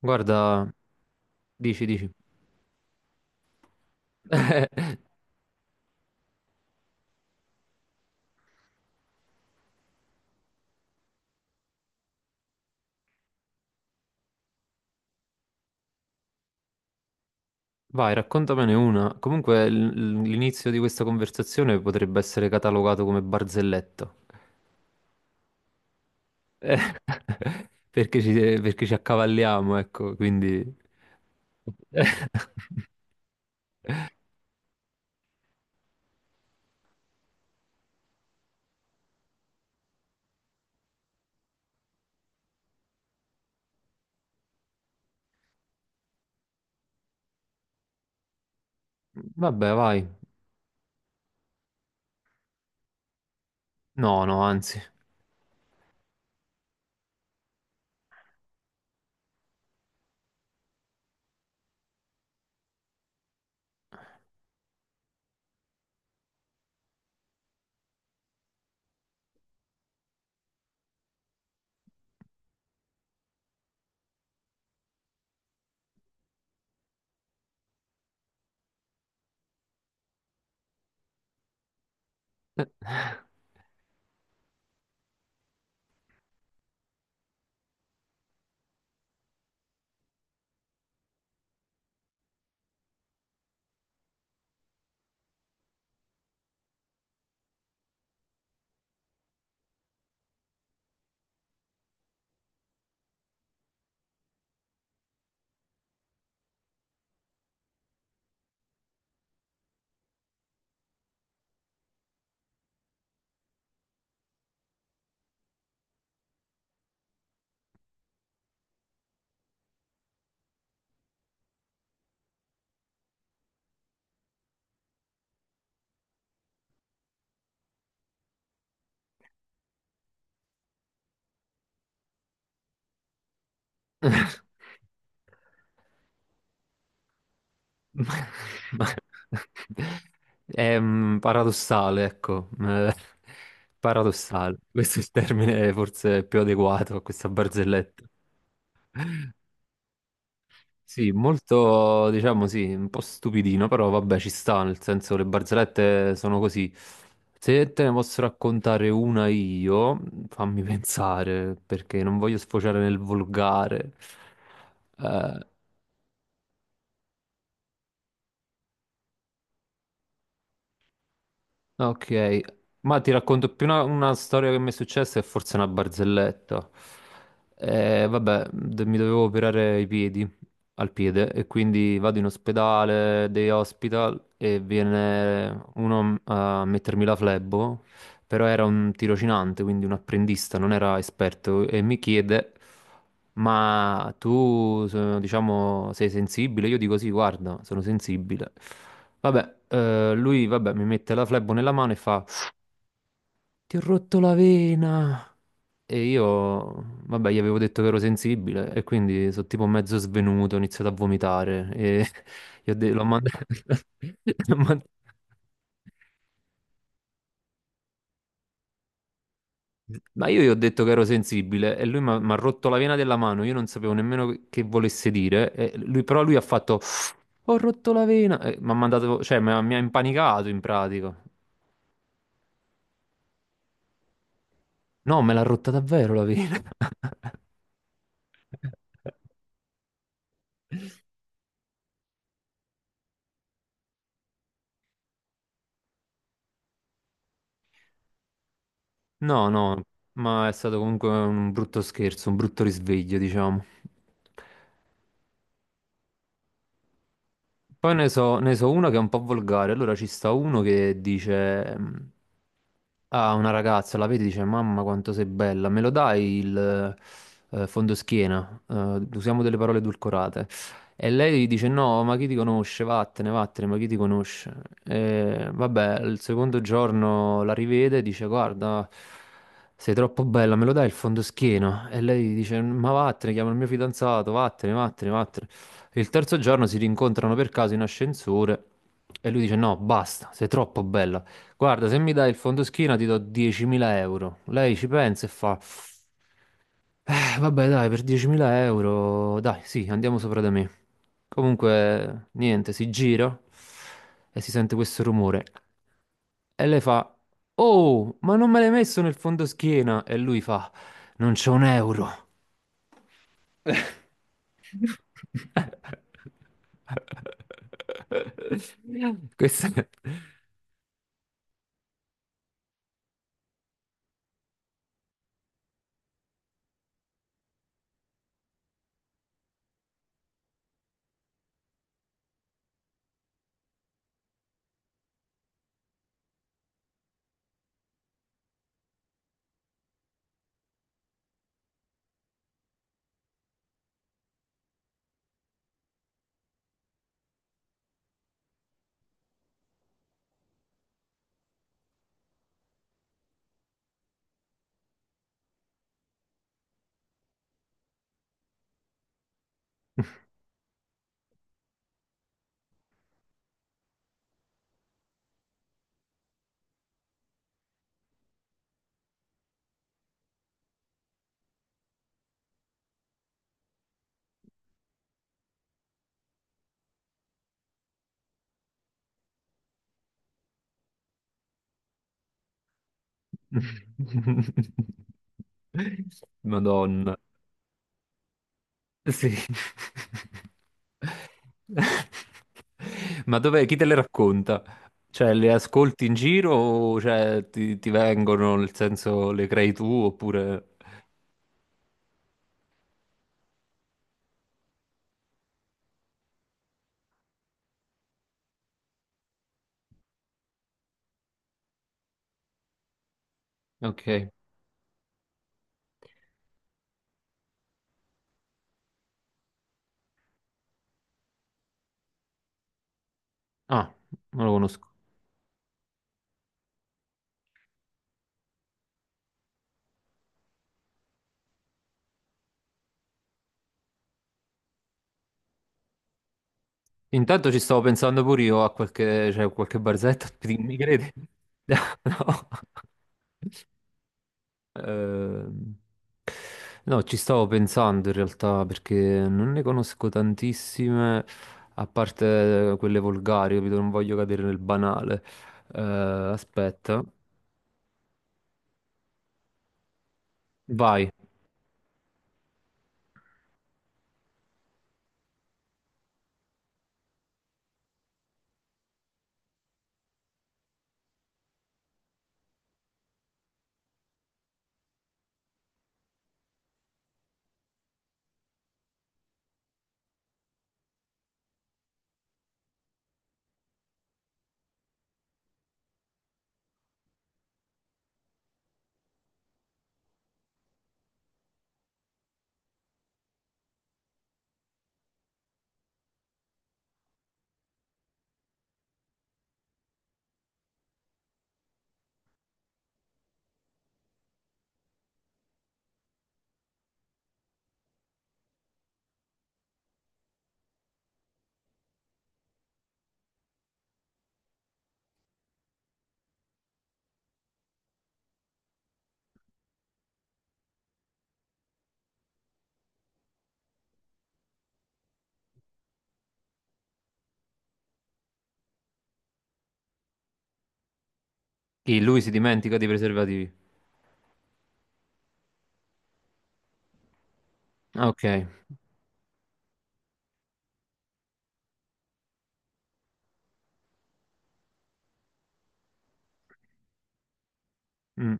Guarda, dici. Vai, raccontamene una. Comunque l'inizio di questa conversazione potrebbe essere catalogato come barzelletto, perché ci, perché ci accavalliamo, ecco, quindi... Vabbè, vai. No, no, anzi. Ma- È paradossale, ecco. Paradossale. Questo è il termine forse più adeguato a questa barzelletta. Sì, molto, diciamo sì, un po' stupidino, però vabbè, ci sta, nel senso le barzellette sono così. Se te ne posso raccontare una io, fammi pensare, perché non voglio sfociare nel volgare. Eh, Ok, ma ti racconto più una storia che mi è successa e forse una barzelletta. Vabbè, mi dovevo operare i piedi, al piede, e quindi vado in ospedale, day hospital, e viene uno a mettermi la flebo, però era un tirocinante, quindi un apprendista, non era esperto, e mi chiede, ma tu, diciamo, sei sensibile? Io dico sì, guarda, sono sensibile. Vabbè, lui vabbè, mi mette la flebo nella mano e fa: ti ho rotto la vena. E io, vabbè, gli avevo detto che ero sensibile e quindi sono tipo mezzo svenuto, ho iniziato a vomitare e l'ho mandato. l'ho mand- Ma io gli ho detto che ero sensibile e lui mi ha rotto la vena della mano, io non sapevo nemmeno che volesse dire, e lui, però lui ha fatto ho rotto la vena, e mi ha mandato, cioè mi ha impanicato in pratica. No, me l'ha rotta davvero la vena. No, no, ma è stato comunque un brutto scherzo, un brutto risveglio, diciamo. Poi ne so, ne so uno che è un po' volgare. Allora ci sta uno che dice a una ragazza, la vedi, dice: mamma, quanto sei bella, me lo dai il fondoschiena? Usiamo delle parole edulcorate. E lei dice: no, ma chi ti conosce? Vattene, vattene, ma chi ti conosce? E, vabbè, il secondo giorno la rivede e dice: guarda, sei troppo bella, me lo dai il fondoschiena? E lei dice: ma vattene, chiama il mio fidanzato, vattene, vattene, vattene. Il terzo giorno si rincontrano per caso in ascensore e lui dice: no, basta, sei troppo bella. Guarda, se mi dai il fondoschiena ti do 10.000 euro. Lei ci pensa e fa: vabbè, dai, per 10.000 euro, dai, sì, andiamo sopra da me". Comunque, niente, si gira e si sente questo rumore. E lei fa: oh, ma non me l'hai messo nel fondoschiena? E lui fa: non c'è un euro. Questo è... Madonna. Sì. Ma dov'è? Chi te le racconta? Cioè, le ascolti in giro o cioè, ti vengono, nel senso, le crei tu oppure... Ok. Ah, non lo conosco. Intanto ci stavo pensando pure io a qualche, cioè, qualche barzetta, ti- mi credi? No. Ehm, no, ci stavo pensando in realtà perché non ne conosco tantissime, a parte quelle volgari, capito? Non voglio cadere nel banale. Aspetta, vai. Chi? Lui si dimentica dei preservativi. Ah, Ok. Mm.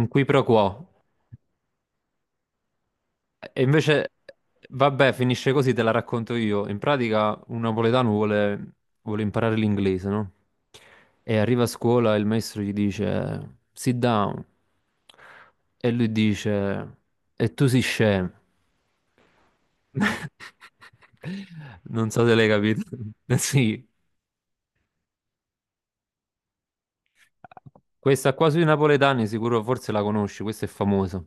Un qui pro quo. E invece, vabbè, finisce così, te la racconto io. In pratica, un napoletano vuole imparare l'inglese, no? E arriva a scuola e il maestro gli dice: sit down. E lui dice: e tu sei scemo. Non so se l'hai capito. Sì. Questa qua sui napoletani sicuro forse la conosci, questa è famosa.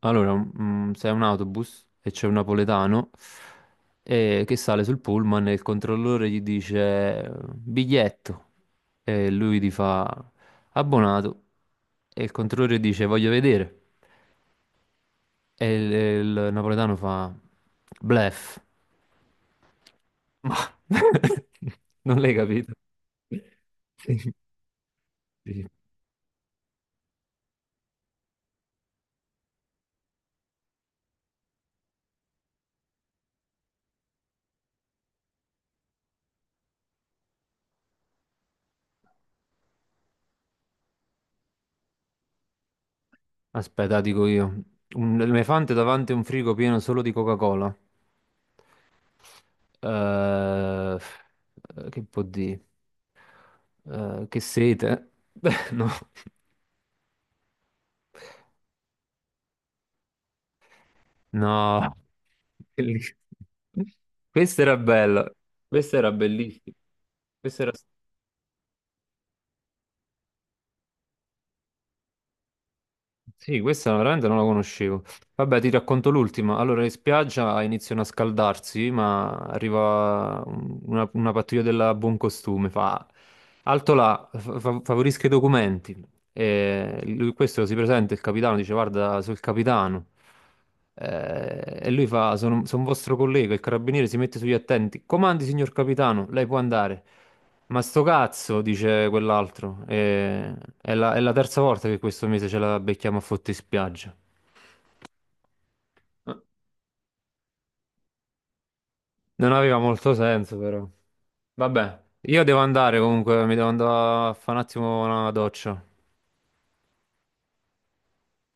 Allora, c'è un autobus e c'è un napoletano che sale sul pullman e il controllore gli dice biglietto e lui gli fa abbonato e il controllore dice voglio vedere e il napoletano fa blef. Ma non l'hai capito? Sì. Aspetta, dico io. Un elefante davanti a un frigo pieno solo di Coca-Cola. Eh, eh, che può dire? Che sete? Beh, no. No. Bellissimo. Questa era bella. Questa era bellissima. Questa era... Sì, questa veramente non la conoscevo. Vabbè, ti racconto l'ultima. Allora, in spiaggia iniziano a scaldarsi, ma arriva una pattuglia della buon costume, fa alto là, favorisca i documenti. E lui, questo si presenta, il capitano dice: guarda, sono il capitano. E lui fa: sono, sono vostro collega. Il carabiniere si mette sugli attenti. Comandi, signor capitano, lei può andare. Ma sto cazzo, dice quell'altro. È è la terza volta che questo mese ce la becchiamo a fotti spiaggia. Non aveva molto senso, però. Vabbè, io devo andare comunque, mi devo andare a fare un attimo una doccia.